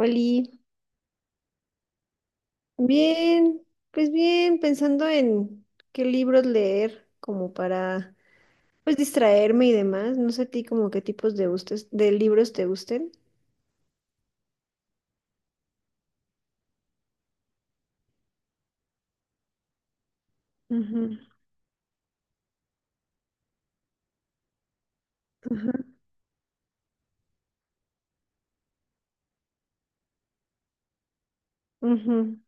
Oli, bien, pues bien, pensando en qué libros leer como para pues distraerme y demás. No sé a ti como qué tipos de gustes, de libros te gusten. Ujú, ujú. Ujú.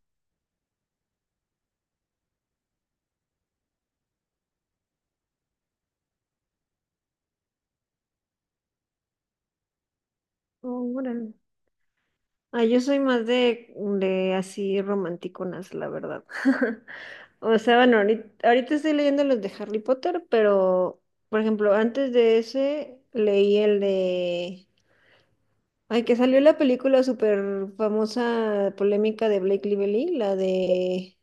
Oh, órale. Ah, yo soy más de así romanticonas, la verdad. O sea, bueno, ahorita estoy leyendo los de Harry Potter, pero por ejemplo, antes de ese leí el de... Ay, que salió la película súper famosa, polémica de Blake Lively, la de...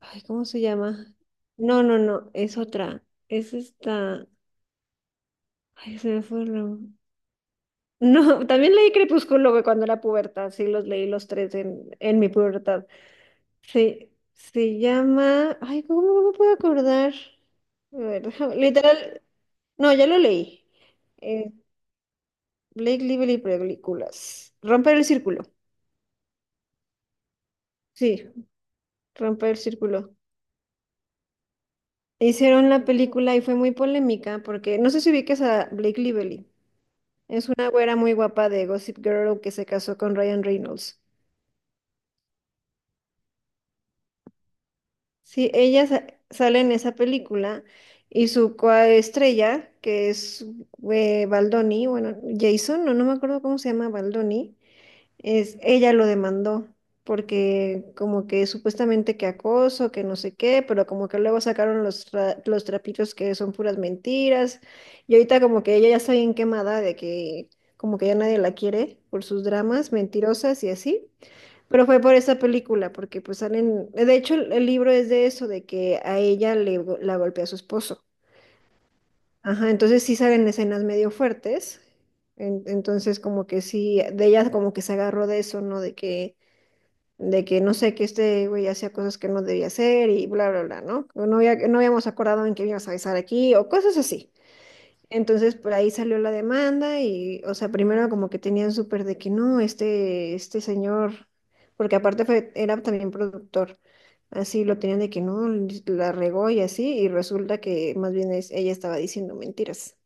Ay, ¿cómo se llama? No, no, no, es otra. Es esta... Ay, se me fue el nombre. No, también leí Crepúsculo güey, cuando era pubertad, sí, los leí los tres en mi pubertad. Sí, se llama... Ay, ¿cómo no me puedo acordar? A ver, déjame... Literal... No, ya lo leí. Eh, Blake Lively películas. Romper el círculo. Sí, romper el círculo. Hicieron la película y fue muy polémica porque no sé si ubiques a Blake Lively. Es una güera muy guapa de Gossip Girl que se casó con Ryan Reynolds. Sí, ella sa- sale en esa película y su coestrella, que es Baldoni, bueno, Jason, no, no me acuerdo cómo se llama Baldoni. Es, ella lo demandó porque como que supuestamente que acoso, que no sé qué, pero como que luego sacaron los, tra- los trapitos que son puras mentiras. Y ahorita como que ella ya está bien quemada de que como que ya nadie la quiere por sus dramas mentirosas y así. Pero fue por esa película, porque pues salen, de hecho el libro es de eso, de que a ella le, go- la golpea su esposo. Ajá, entonces sí salen escenas medio fuertes. En- entonces como que sí, de ella como que se agarró de eso, ¿no? De que no sé, que este güey hacía cosas que no debía hacer y bla, bla, bla, ¿no? Que no había, no habíamos acordado en que ibas a avisar aquí o cosas así. Entonces, por ahí salió la demanda y, o sea, primero como que tenían súper de que no, este señor, porque aparte fue- era también productor, así lo tenían de que no, la regó y así, y resulta que más bien es, ella estaba diciendo mentiras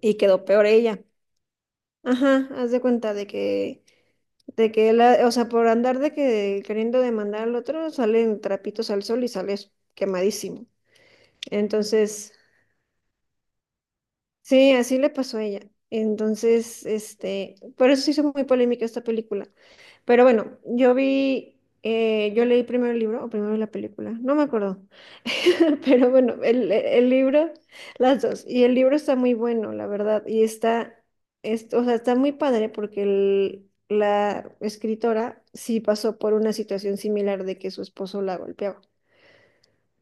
y quedó peor ella. Ajá, haz de cuenta de que la, o sea, por andar de que queriendo demandar al otro, salen trapitos al sol y sales quemadísimo. Entonces, sí, así le pasó a ella. Entonces, este, por eso se hizo muy polémica esta película. Pero bueno, yo vi, yo leí primero el libro o primero la película, no me acuerdo. Pero bueno, el libro, las dos. Y el libro está muy bueno, la verdad. Y está, es- o sea, está muy padre porque el- la escritora sí pasó por una situación similar de que su esposo la golpeaba.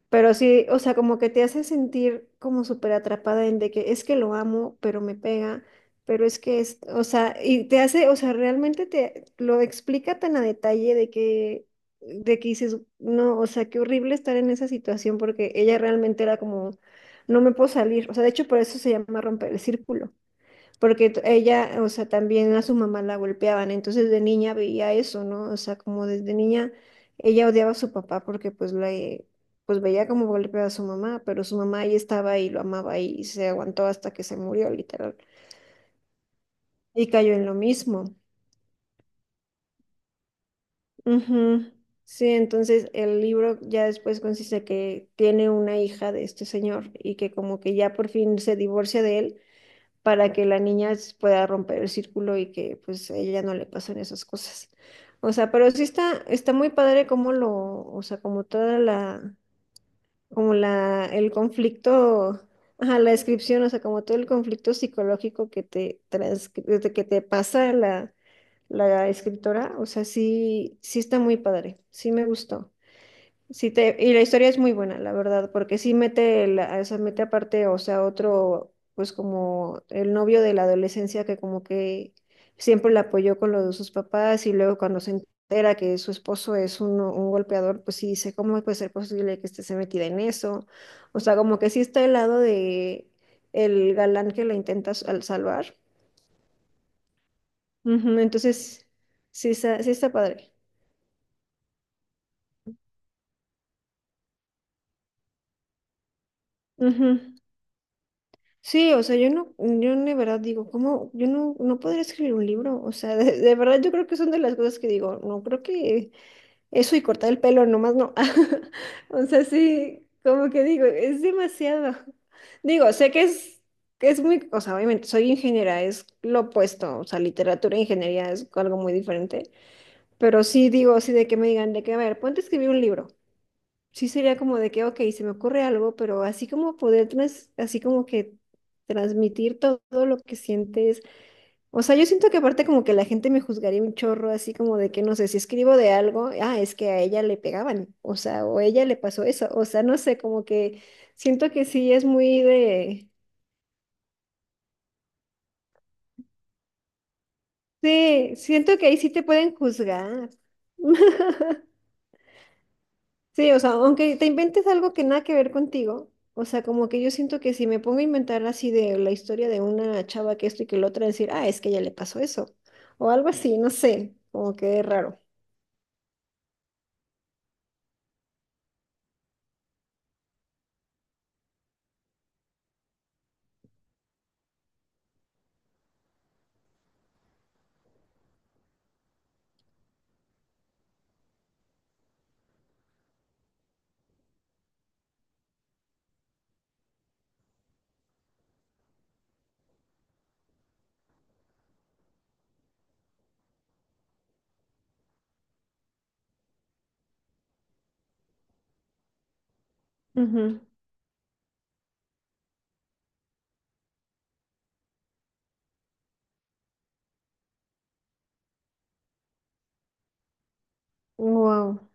Pero sí, o sea, como que te hace sentir como súper atrapada en de que es que lo amo, pero me pega, pero es que es, o sea, y te hace, o sea, realmente te lo explica tan a detalle de que dices, no, o sea, qué horrible estar en esa situación porque ella realmente era como, no me puedo salir, o sea, de hecho por eso se llama romper el círculo porque t- ella, o sea, también a su mamá la golpeaban, entonces de niña veía eso, ¿no? O sea, como desde niña ella odiaba a su papá porque pues la, pues veía cómo golpeaba a su mamá, pero su mamá ahí estaba y lo amaba y se aguantó hasta que se murió, literal, y cayó en lo mismo. Ujú. Sí, entonces el libro ya después consiste que tiene una hija de este señor y que como que ya por fin se divorcia de él para que la niña s- pueda romper el círculo y que pues a ella no le pasen esas cosas. O sea, pero sí está, está muy padre como lo, o sea, como toda la, como la, el conflicto, ajá, la descripción, o sea, como todo el conflicto psicológico que te transcri- que te pasa la, la escritora, o sea, sí, sí está muy padre, sí me gustó. Sí te, y la historia es muy buena, la verdad, porque sí mete, la, se mete aparte, o sea, otro, pues como el novio de la adolescencia que como que siempre la apoyó con lo de sus papás y luego cuando se entera que su esposo es un golpeador, pues sí dice, ¿cómo puede ser posible que esté metida en eso? O sea, como que sí está al lado de el galán que la intenta s- al salvar. Ujú, entonces, sí está padre. Sí, o sea, yo no, yo de verdad digo, ¿cómo? Yo no, no podría escribir un libro, o sea, de verdad yo creo que son de las cosas que digo, no creo que eso y cortar el pelo nomás no, o sea, sí, como que digo, es demasiado, digo, sé que es muy, o sea, obviamente soy ingeniera, es lo opuesto, o sea, literatura e ingeniería es algo muy diferente, pero sí digo, sí de que me digan, de que, a ver, ponte a escribir un libro sí sería como de que, ok, se me ocurre algo, pero así como poder, trans- así como que transmitir to- todo, lo que sientes. O sea, yo siento que aparte como que la gente me juzgaría un chorro, así como de que, no sé, si escribo de algo, ah, es que a ella le pegaban, o sea, o a ella le pasó eso, o sea, no sé, como que siento que sí es muy de... Sí, siento que ahí sí te pueden juzgar. Sí, o sea, aunque te inventes algo que nada que ver contigo, o sea, como que yo siento que si me pongo a inventar así de la historia de una chava que esto y que lo otra, decir, ah, es que ya le pasó eso, o algo así, no sé, como que es raro. Wow.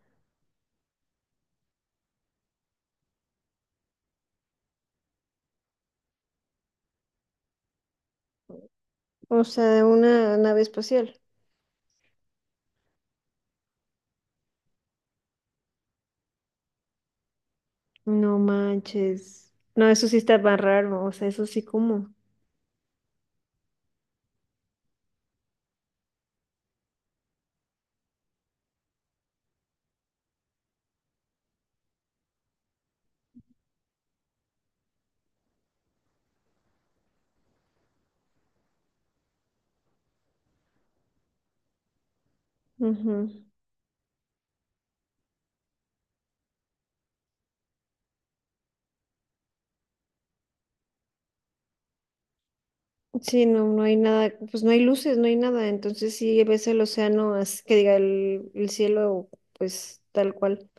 O sea, una nave espacial. No manches. No, eso sí está más raro, o sea, eso sí como. Ujú. Sí, no, no hay nada, pues no hay luces, no hay nada, entonces sí ves el océano, as- que diga el cielo, pues tal cual.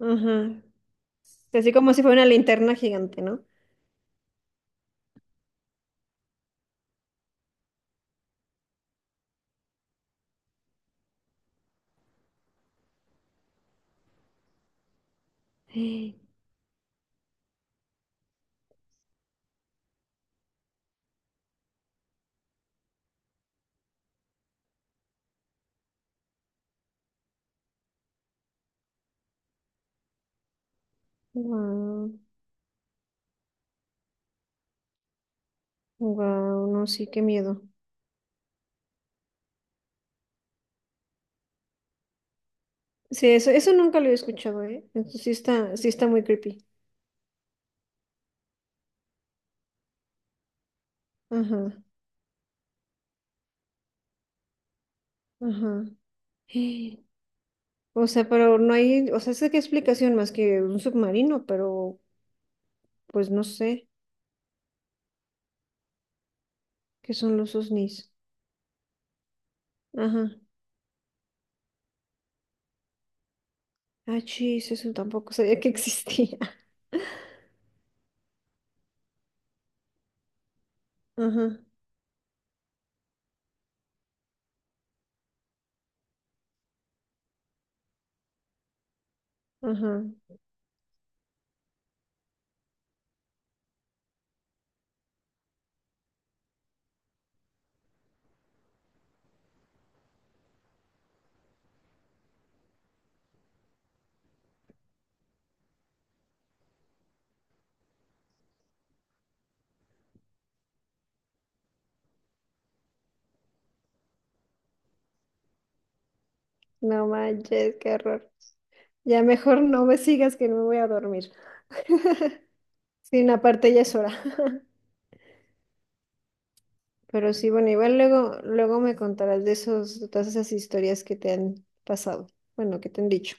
Ajá. Así como si fuera una linterna gigante, ¿no? Wow, wow, no, sí, qué miedo. Sí, eso nunca lo he escuchado, ¿eh? Entonces sí está muy creepy. Ajá, ajá. Eh, O sea, pero no hay, o sea, sé qué explicación más que un submarino, pero pues no sé qué son los OSNIs. Ajá. Ah, chis, eso tampoco sabía que existía. Ajá, ajá. No manches, qué horror. Ya mejor no me sigas que no me voy a dormir. Sí, no, aparte ya es hora. Pero sí, bueno, igual luego me contarás de esos, de todas esas historias que te han pasado. Bueno, que te han dicho.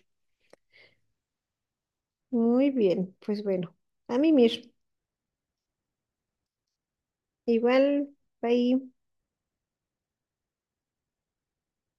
Muy bien, pues bueno, a mimir. Igual, bye.